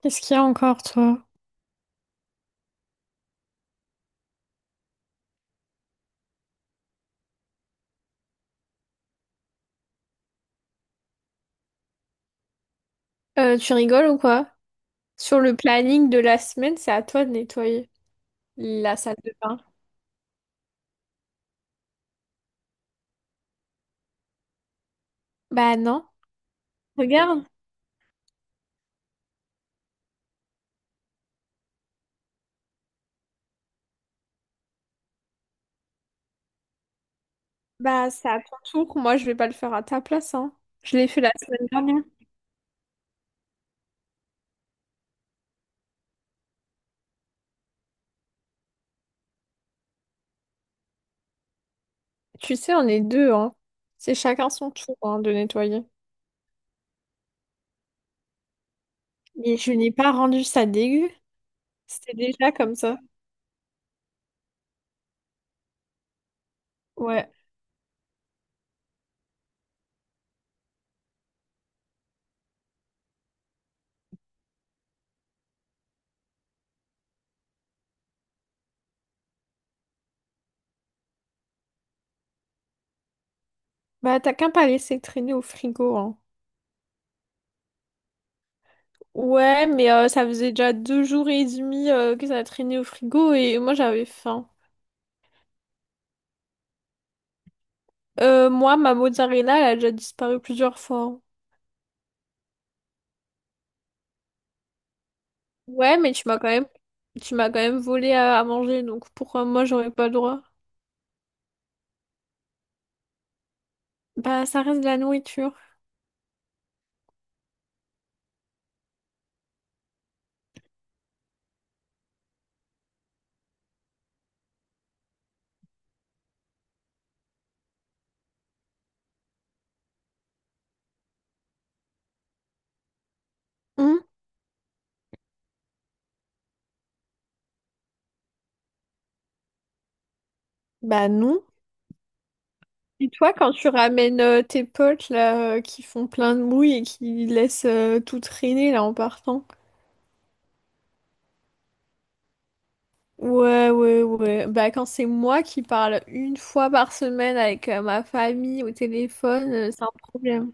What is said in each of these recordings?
Qu'est-ce qu'il y a encore, toi? Tu rigoles ou quoi? Sur le planning de la semaine, c'est à toi de nettoyer la salle de bain. Bah non, regarde. Bah c'est à ton tour. Moi, je vais pas le faire à ta place, hein. Je l'ai fait la semaine dernière. Tu sais, on est deux, hein. C'est chacun son tour, hein, de nettoyer. Mais je n'ai pas rendu ça dégueu. C'était déjà comme ça. Ouais. Bah t'as qu'à pas laissé traîner au frigo, hein. Ouais, mais ça faisait déjà 2 jours et demi que ça traînait au frigo et moi j'avais faim. Moi, ma mozzarella, elle a déjà disparu plusieurs fois. Ouais, mais tu m'as quand même volé à manger, donc pourquoi moi j'aurais pas le droit? Bah, ça reste de la nourriture. Hum. Bah non. Et toi, quand tu ramènes tes potes là, qui font plein de bruit et qui laissent tout traîner là en partant? Ouais, ouais, ouais. Bah, quand c'est moi qui parle une fois par semaine avec ma famille au téléphone, c'est un problème.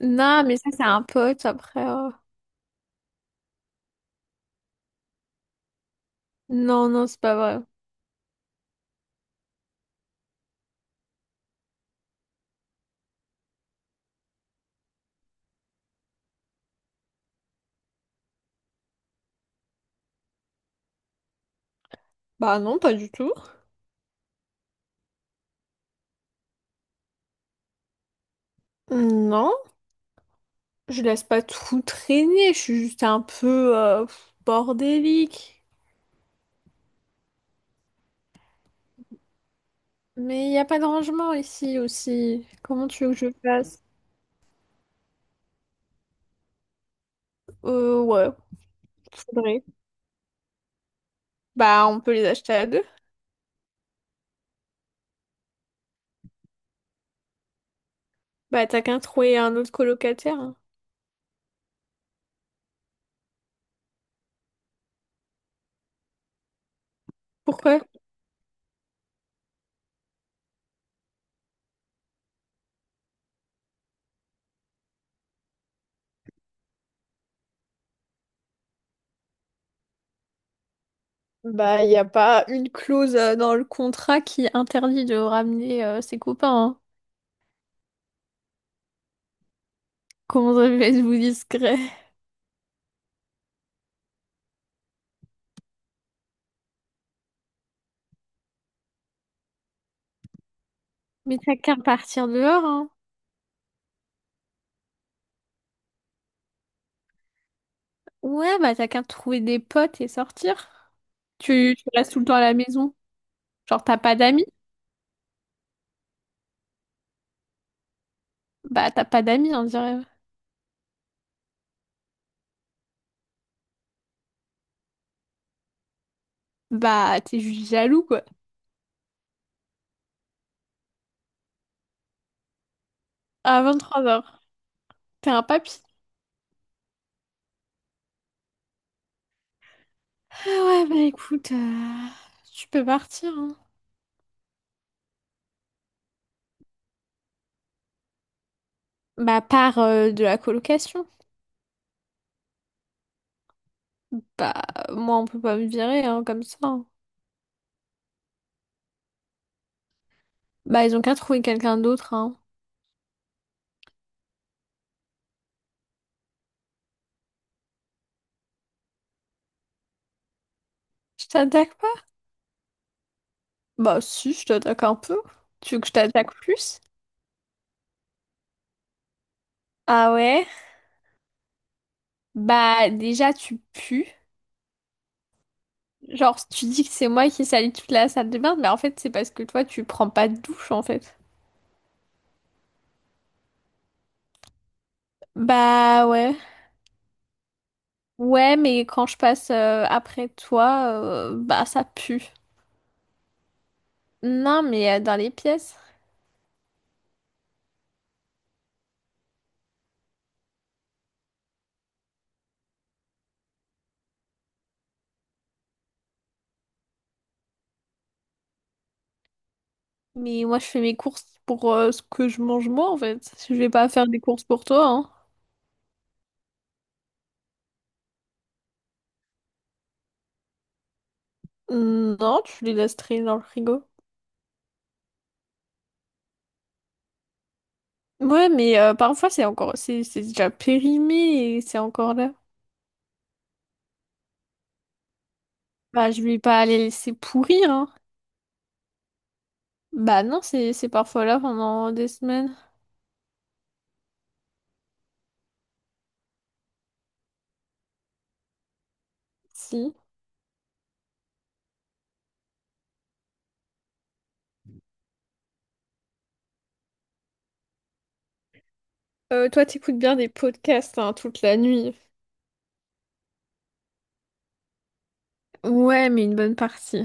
Non, mais ça, c'est un pote après. Non, non, c'est pas vrai. Bah non, pas du tout. Non, je laisse pas tout traîner, je suis juste un peu bordélique. Mais il n'y a pas de rangement ici aussi. Comment tu veux que je fasse? Ouais, faudrait. Bah, on peut les acheter à deux. Bah, t'as qu'à trouver un autre colocataire, hein. Pourquoi? Bah, il n'y a pas une clause dans le contrat qui interdit de ramener ses copains, hein. Comment ça fait vous discret? Mais t'as qu'à partir dehors, hein. Ouais, bah t'as qu'à trouver des potes et sortir. Tu restes tout le temps à la maison. Genre, t'as pas d'amis? Bah, t'as pas d'amis, on dirait. Bah, t'es juste jaloux, quoi. À 23h, t'es un papy. Ah ouais, bah écoute, tu peux partir, hein. Bah, part de la colocation. Bah, moi, on peut pas me virer, hein, comme ça, hein. Bah, ils ont qu'à trouver quelqu'un d'autre, hein. Je t'attaque pas? Bah, si, je t'attaque un peu. Tu veux que je t'attaque plus? Ah ouais? Bah, déjà, tu pues. Genre, tu dis que c'est moi qui salis toute la salle de bain, mais en fait, c'est parce que toi, tu prends pas de douche, en fait. Bah ouais. Ouais, mais quand je passe après toi, bah ça pue. Non, mais dans les pièces. Mais moi, je fais mes courses pour ce que je mange moi, en fait. Je vais pas faire des courses pour toi, hein. Non, tu les laisses traîner dans le frigo. Ouais, mais parfois, c'est encore... C'est déjà périmé et c'est encore là. Bah, je vais pas les laisser pourrir, hein. Bah non, c'est parfois là pendant des semaines. Si. Toi, t'écoutes bien des podcasts hein, toute la nuit. Ouais, mais une bonne partie.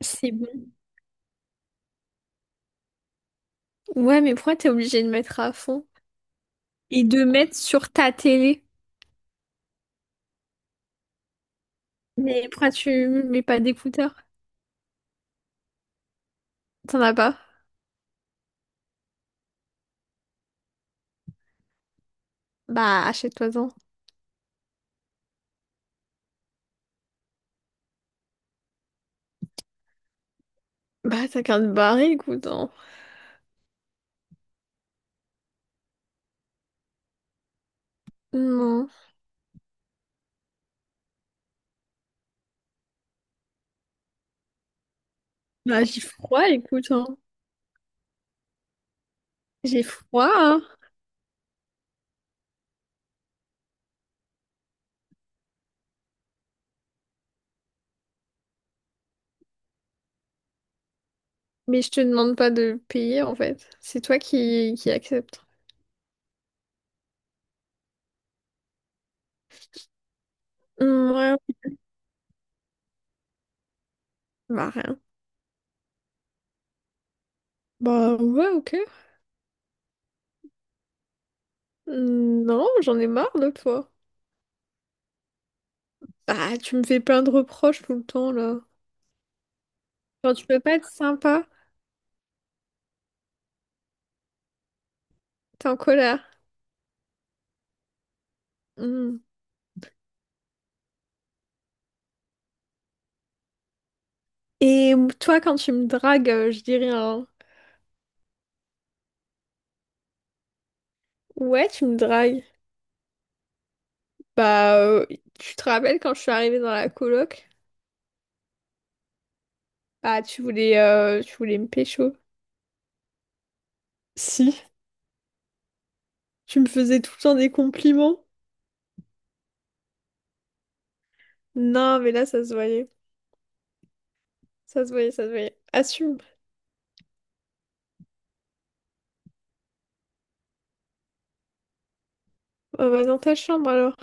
C'est bon. Ouais, mais pourquoi t'es obligé de mettre à fond? Et de mettre sur ta télé. Mais pourquoi tu mets pas d'écouteurs? T'en as pas? Bah, achète-toi-en. Bah, t'as qu'à te barrer, écoute, hein. Non. Bah, j'ai froid, écoute, hein. J'ai froid, hein. Mais je te demande pas de payer, en fait. C'est toi qui acceptes. Hmm, ouais. Bah, rien. Bah, ouais, ok. Hmm. Non, j'en ai marre de toi. Bah, tu me fais plein de reproches tout le temps, là. Genre, tu peux pas être sympa, t'es en colère. Hmm. Et toi, quand tu me dragues, je dirais un... Ouais, tu me dragues. Bah, tu te rappelles quand je suis arrivée dans la coloc? Bah, tu voulais me pécho. Si, tu me faisais tout le temps des compliments. Non, mais là, ça se voyait. Ça se voyait, ça se voyait. Assume. On va dans ta chambre, alors.